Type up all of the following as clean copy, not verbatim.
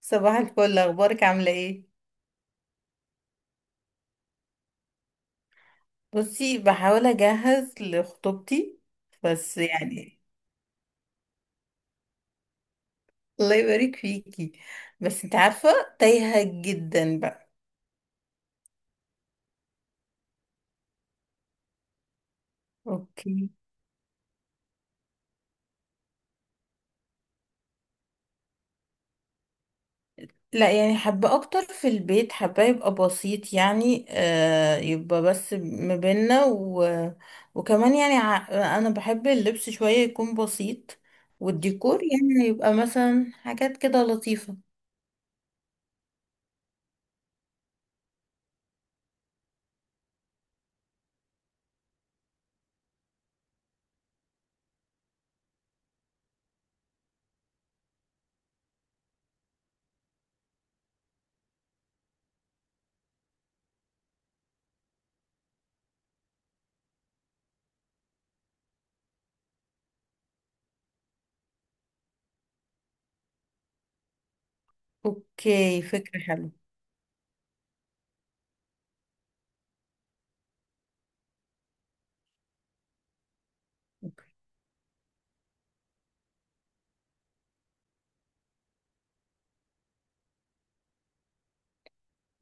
صباح الفل، اخبارك؟ عامله ايه؟ بصي، بحاول اجهز لخطوبتي. بس يعني. الله يبارك فيكي. بس انت عارفه، تايهه جدا بقى. اوكي. لا يعني حابه اكتر في البيت، حابه يبقى بسيط يعني. يبقى بس ما بينا وكمان يعني انا بحب اللبس شويه يكون بسيط، والديكور يعني يبقى مثلا حاجات كده لطيفه. اوكي فكره حلوه.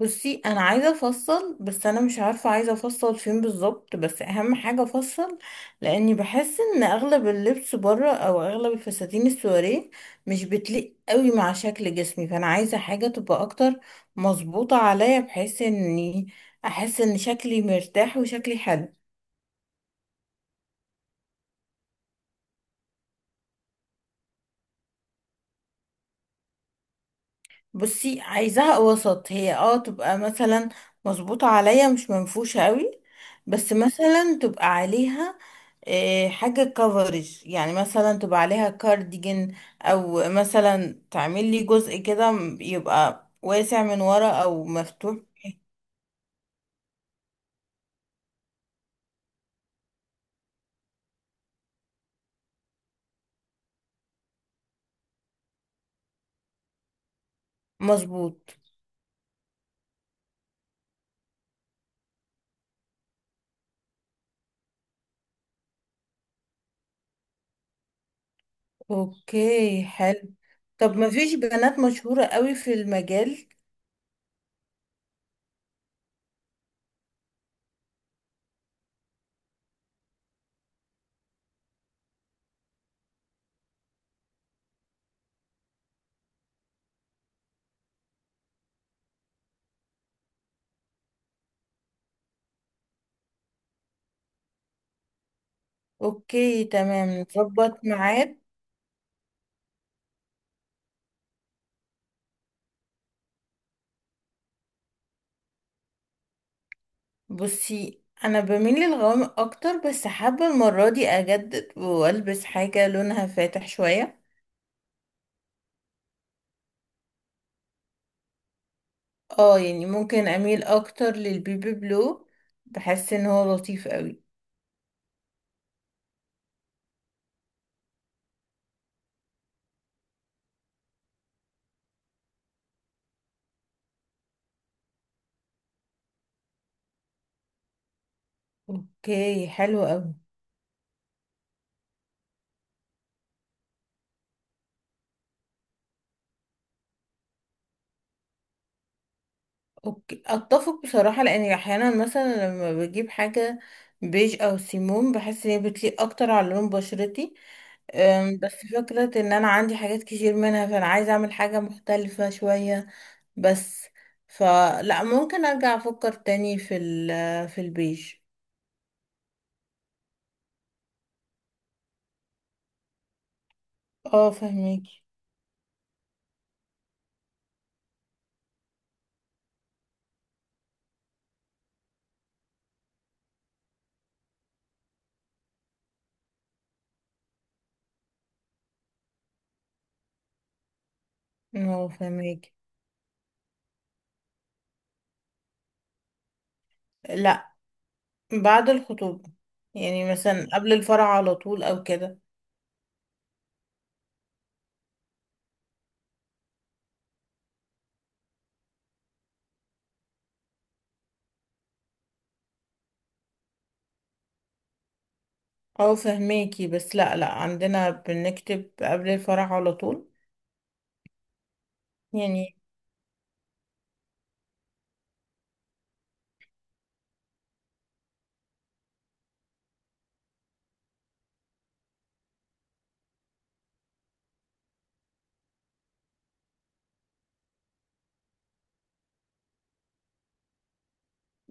بصي، انا عايزه افصل، بس انا مش عارفه عايزه افصل فين بالظبط، بس اهم حاجه افصل، لاني بحس ان اغلب اللبس بره او اغلب الفساتين السواريه مش بتليق قوي مع شكل جسمي. فانا عايزه حاجه تبقى اكتر مظبوطه عليا، بحيث اني احس ان شكلي مرتاح وشكلي حلو. بصي، عايزاها وسط، هي تبقى مثلا مظبوطة عليا، مش منفوشة قوي. بس مثلا تبقى عليها حاجة كفرج، يعني مثلا تبقى عليها كارديجن، او مثلا تعمل لي جزء كده يبقى واسع من ورا او مفتوح. مظبوط. اوكي حلو. طب مفيش بنات مشهورة قوي في المجال؟ اوكي تمام، نظبط ميعاد. بصي، انا بميل للغوامق اكتر، بس حابه المره دي اجدد والبس حاجه لونها فاتح شويه. اه يعني ممكن اميل اكتر للبيبي بلو، بحس ان هو لطيف قوي. اوكي حلو قوي. اوكي اتفق بصراحه، لاني احيانا مثلا لما بجيب حاجه بيج او سيمون بحس ان هي بتليق اكتر على لون بشرتي. بس فكره ان انا عندي حاجات كتير منها، فانا عايزه اعمل حاجه مختلفه شويه بس. فلا ممكن ارجع افكر تاني في البيج. اه فهميكي. اه فهميكي. لا، بعد الخطوبة. يعني مثلا قبل الفرح على طول او كده. اه فهميكي، بس لا، لا عندنا بنكتب قبل الفرح على طول يعني.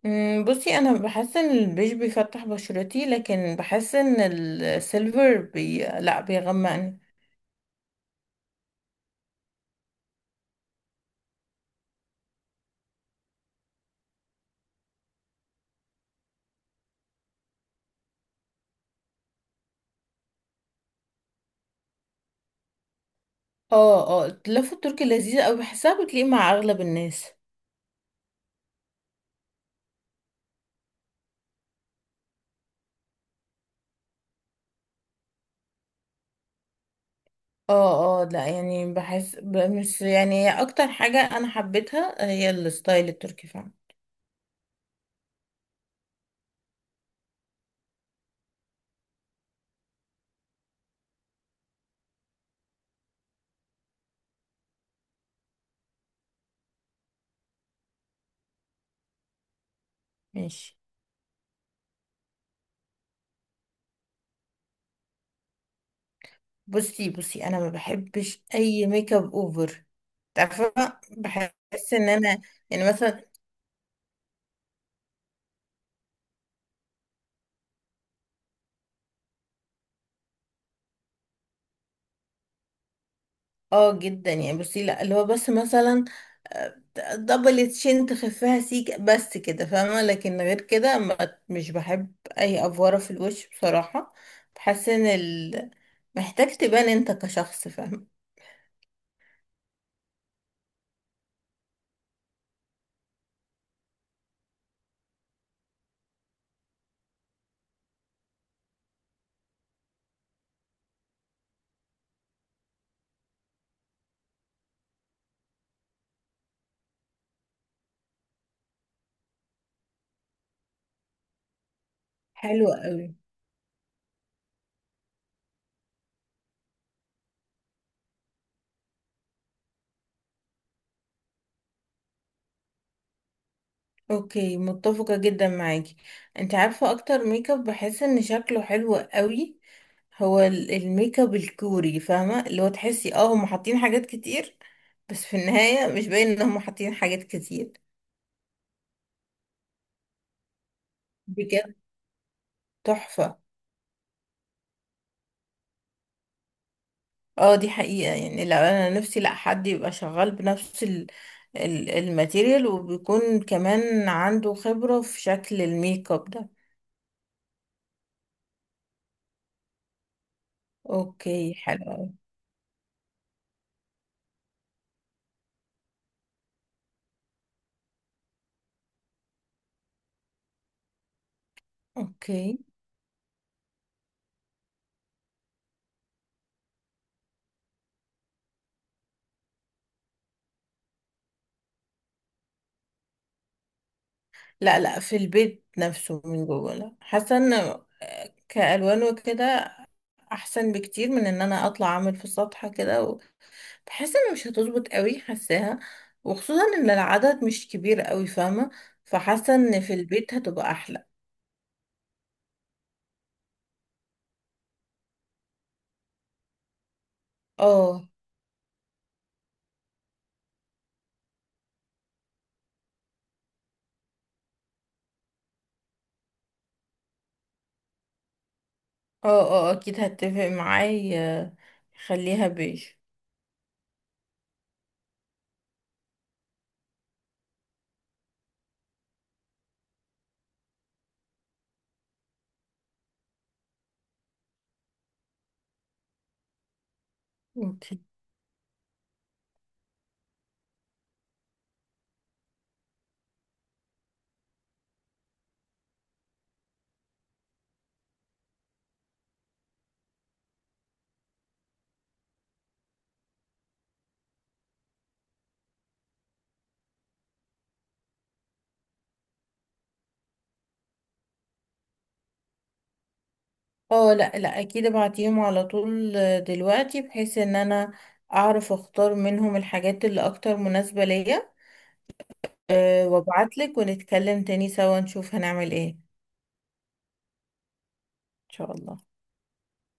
بصي، انا بحس ان البيج بيفتح بشرتي، لكن بحس ان السيلفر لا بيغمقني. اه اه، اللفة التركي لذيذة اوي، بحسها بتليق مع اغلب الناس. اه اه، لا يعني بحس مش يعني هي اكتر حاجة انا حبيتها، هي الستايل التركي فعلا. ماشي. بصي بصي، انا ما بحبش اي ميك اب اوفر، تعرفة. بحس ان انا يعني مثلا، اه جدا يعني. بصي، لا، اللي هو بس مثلا آه، دبل تشين تخفيها سيك بس كده، فاهمة؟ لكن غير كده مش بحب اي افورة في الوش بصراحة. بحس ان ال... محتاج تبان انت كشخص، فاهمة. حلو قوي. اوكي متفقة جدا معاكي. انت عارفة اكتر ميك اب بحس ان شكله حلو قوي؟ هو الميك اب الكوري، فاهمة؟ اللي هو تحسي هم حاطين حاجات كتير، بس في النهاية مش باين ان هم حاطين حاجات كتير. بجد. تحفة. اه دي حقيقة يعني. لا انا نفسي لا حد يبقى شغال بنفس الماتيريال، وبيكون كمان عنده خبرة في شكل الميك اب ده. اوكي حلو أوي. اوكي. لا لا، في البيت نفسه من جوه. لا، حاسه ان كالوان وكده احسن بكتير من ان انا اطلع اعمل في السطح كده، بحس ان مش هتظبط قوي حاساها، وخصوصا ان العدد مش كبير قوي، فاهمه. فحاسه ان في البيت هتبقى احلى. اه. اه اه اكيد هتفق معايا، خليها بيج. اوكي. اه، لا لا، اكيد ابعتيهم على طول دلوقتي، بحيث ان انا اعرف اختار منهم الحاجات اللي اكتر مناسبه ليا. وابعتلك ونتكلم تاني سوا، نشوف هنعمل ايه ان شاء الله.